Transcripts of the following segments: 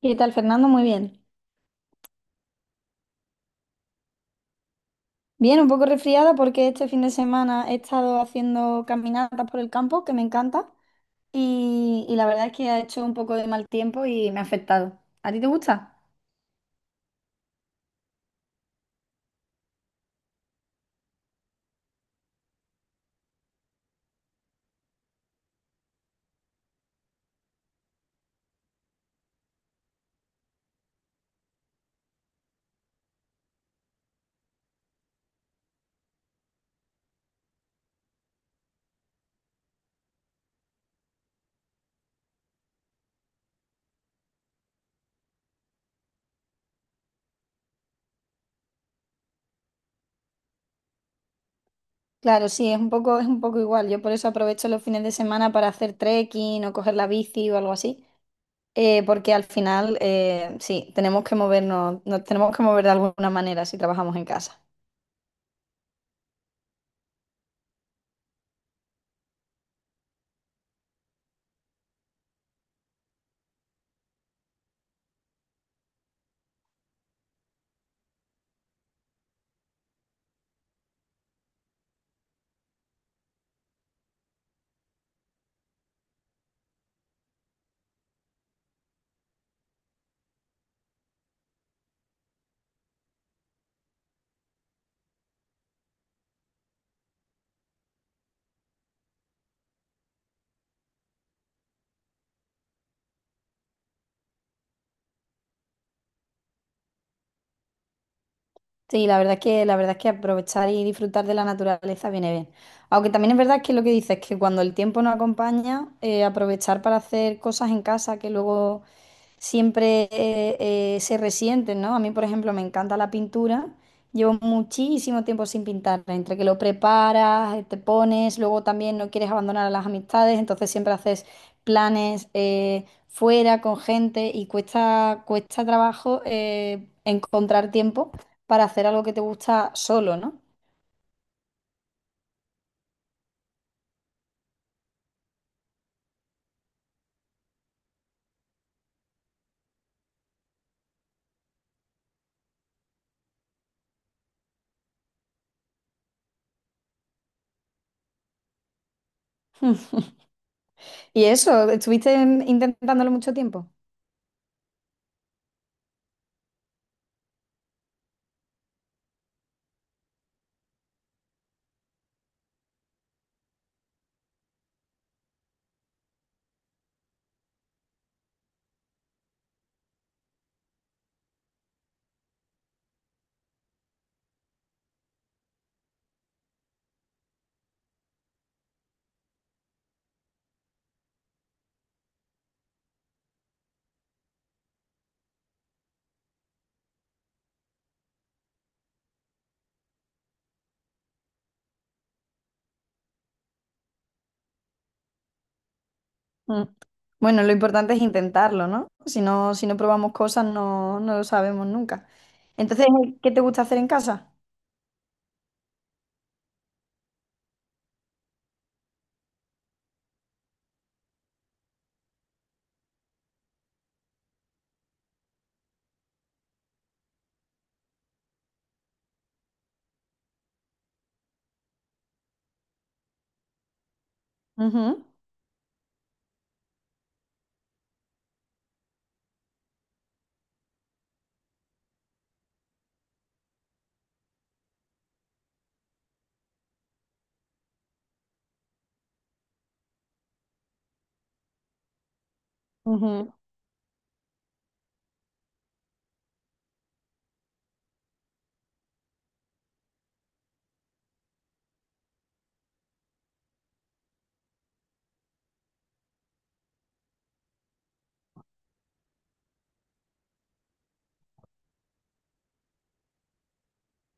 ¿Qué tal, Fernando? Muy bien. Bien, un poco resfriada porque este fin de semana he estado haciendo caminatas por el campo, que me encanta, y la verdad es que ha hecho un poco de mal tiempo y me ha afectado. ¿A ti te gusta? Claro, sí, es un poco igual. Yo por eso aprovecho los fines de semana para hacer trekking o coger la bici o algo así, porque al final, sí, tenemos que movernos, nos tenemos que mover de alguna manera si trabajamos en casa. Sí, la verdad es que aprovechar y disfrutar de la naturaleza viene bien. Aunque también es verdad que lo que dices, que cuando el tiempo no acompaña, aprovechar para hacer cosas en casa que luego siempre se resienten, ¿no? A mí, por ejemplo, me encanta la pintura. Llevo muchísimo tiempo sin pintar, entre que lo preparas, te pones, luego también no quieres abandonar a las amistades, entonces siempre haces planes fuera con gente y cuesta trabajo encontrar tiempo para hacer algo que te gusta solo, ¿no? Y eso, ¿estuviste intentándolo mucho tiempo? Mm. Bueno, lo importante es intentarlo, ¿no? Si no, si no probamos cosas, no lo sabemos nunca. Entonces, ¿qué te gusta hacer en casa? Ujú, ujú.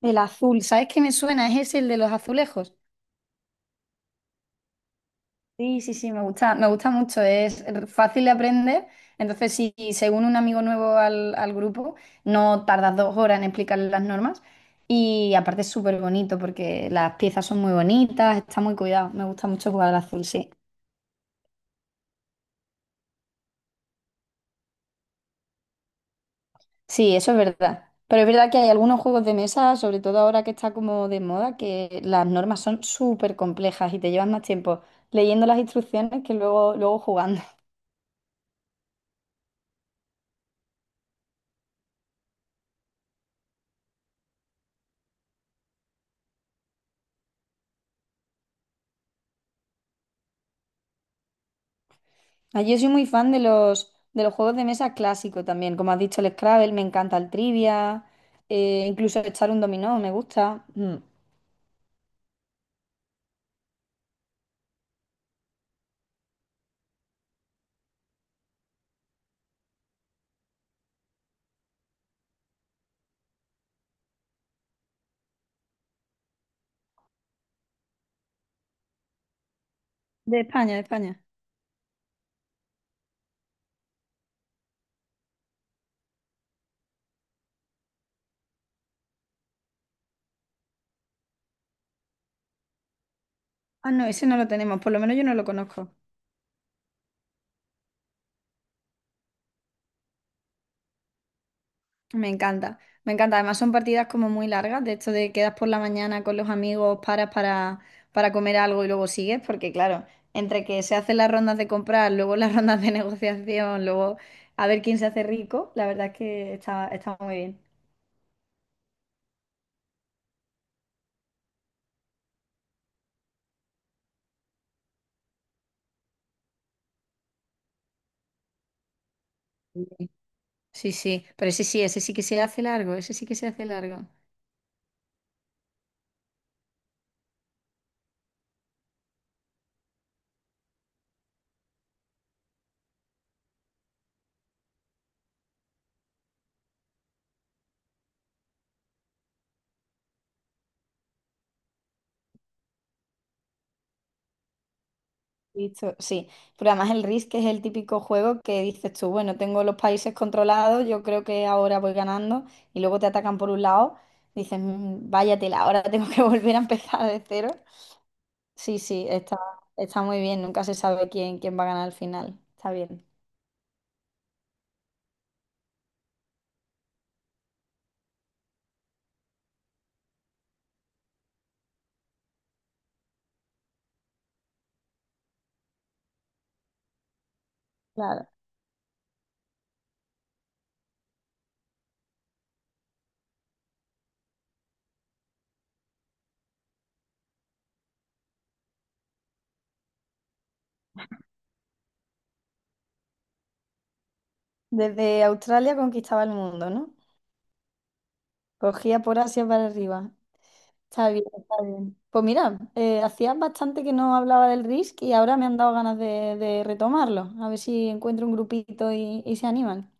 El azul, ¿sabes qué me suena? Es ese el de los azulejos. Sí, sí, sí, me gusta mucho, es fácil de aprender. Entonces, si se une un amigo nuevo al grupo, no tardas 2 horas en explicarle las normas. Y aparte es súper bonito porque las piezas son muy bonitas, está muy cuidado. Me gusta mucho jugar al azul, sí. Sí, eso es verdad. Pero es verdad que hay algunos juegos de mesa, sobre todo ahora que está como de moda, que las normas son súper complejas y te llevas más tiempo leyendo las instrucciones que luego jugando. Ah, yo soy muy fan de los juegos de mesa clásicos también. Como has dicho, el Scrabble, me encanta el trivia, incluso echar un dominó, me gusta. Mm. De España, de España. Ah, no, ese no lo tenemos, por lo menos yo no lo conozco. Me encanta, me encanta. Además son partidas como muy largas, de hecho de quedas por la mañana con los amigos, paras para comer algo y luego sigues, porque claro, entre que se hacen las rondas de comprar, luego las rondas de negociación, luego a ver quién se hace rico, la verdad es que está muy bien. Sí, sí, pero ese sí que se hace largo, ese sí que se hace largo. Listo, sí. Pero además el RIS, es el típico juego que dices tú, bueno, tengo los países controlados, yo creo que ahora voy ganando, y luego te atacan por un lado, dices, "Mm, vaya tela, ahora tengo que volver a empezar de cero. Sí, sí, está muy bien, nunca se sabe quién va a ganar al final. Está bien. Claro. Desde Australia conquistaba el mundo, ¿no? Cogía por Asia para arriba. Está bien, está bien. Pues mira, hacía bastante que no hablaba del RISC y ahora me han dado ganas de retomarlo. A ver si encuentro un grupito y se animan.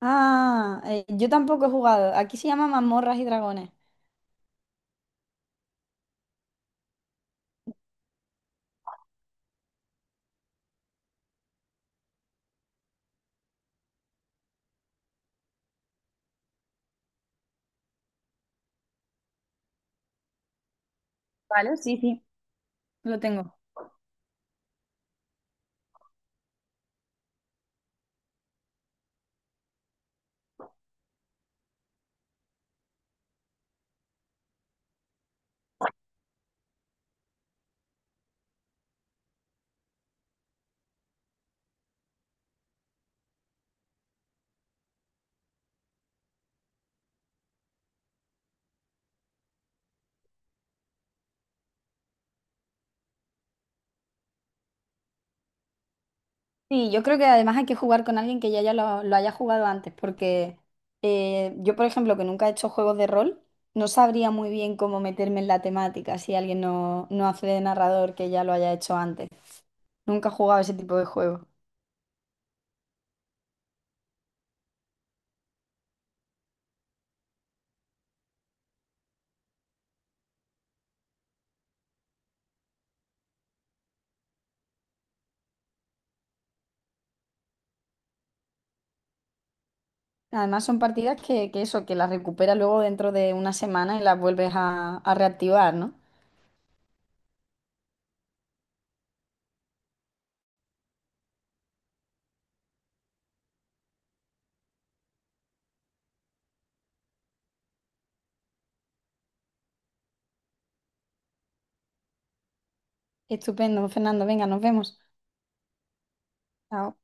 Ah, yo tampoco he jugado. Aquí se llama Mazmorras y Dragones. Vale, sí, sí, lo tengo. Sí, yo creo que además hay que jugar con alguien que ya lo haya jugado antes, porque yo, por ejemplo, que nunca he hecho juegos de rol, no sabría muy bien cómo meterme en la temática si alguien no hace de narrador que ya lo haya hecho antes. Nunca he jugado ese tipo de juegos. Además son partidas que eso, que las recuperas luego dentro de una semana y las vuelves a reactivar, ¿no? Estupendo, Fernando. Venga, nos vemos. Chao.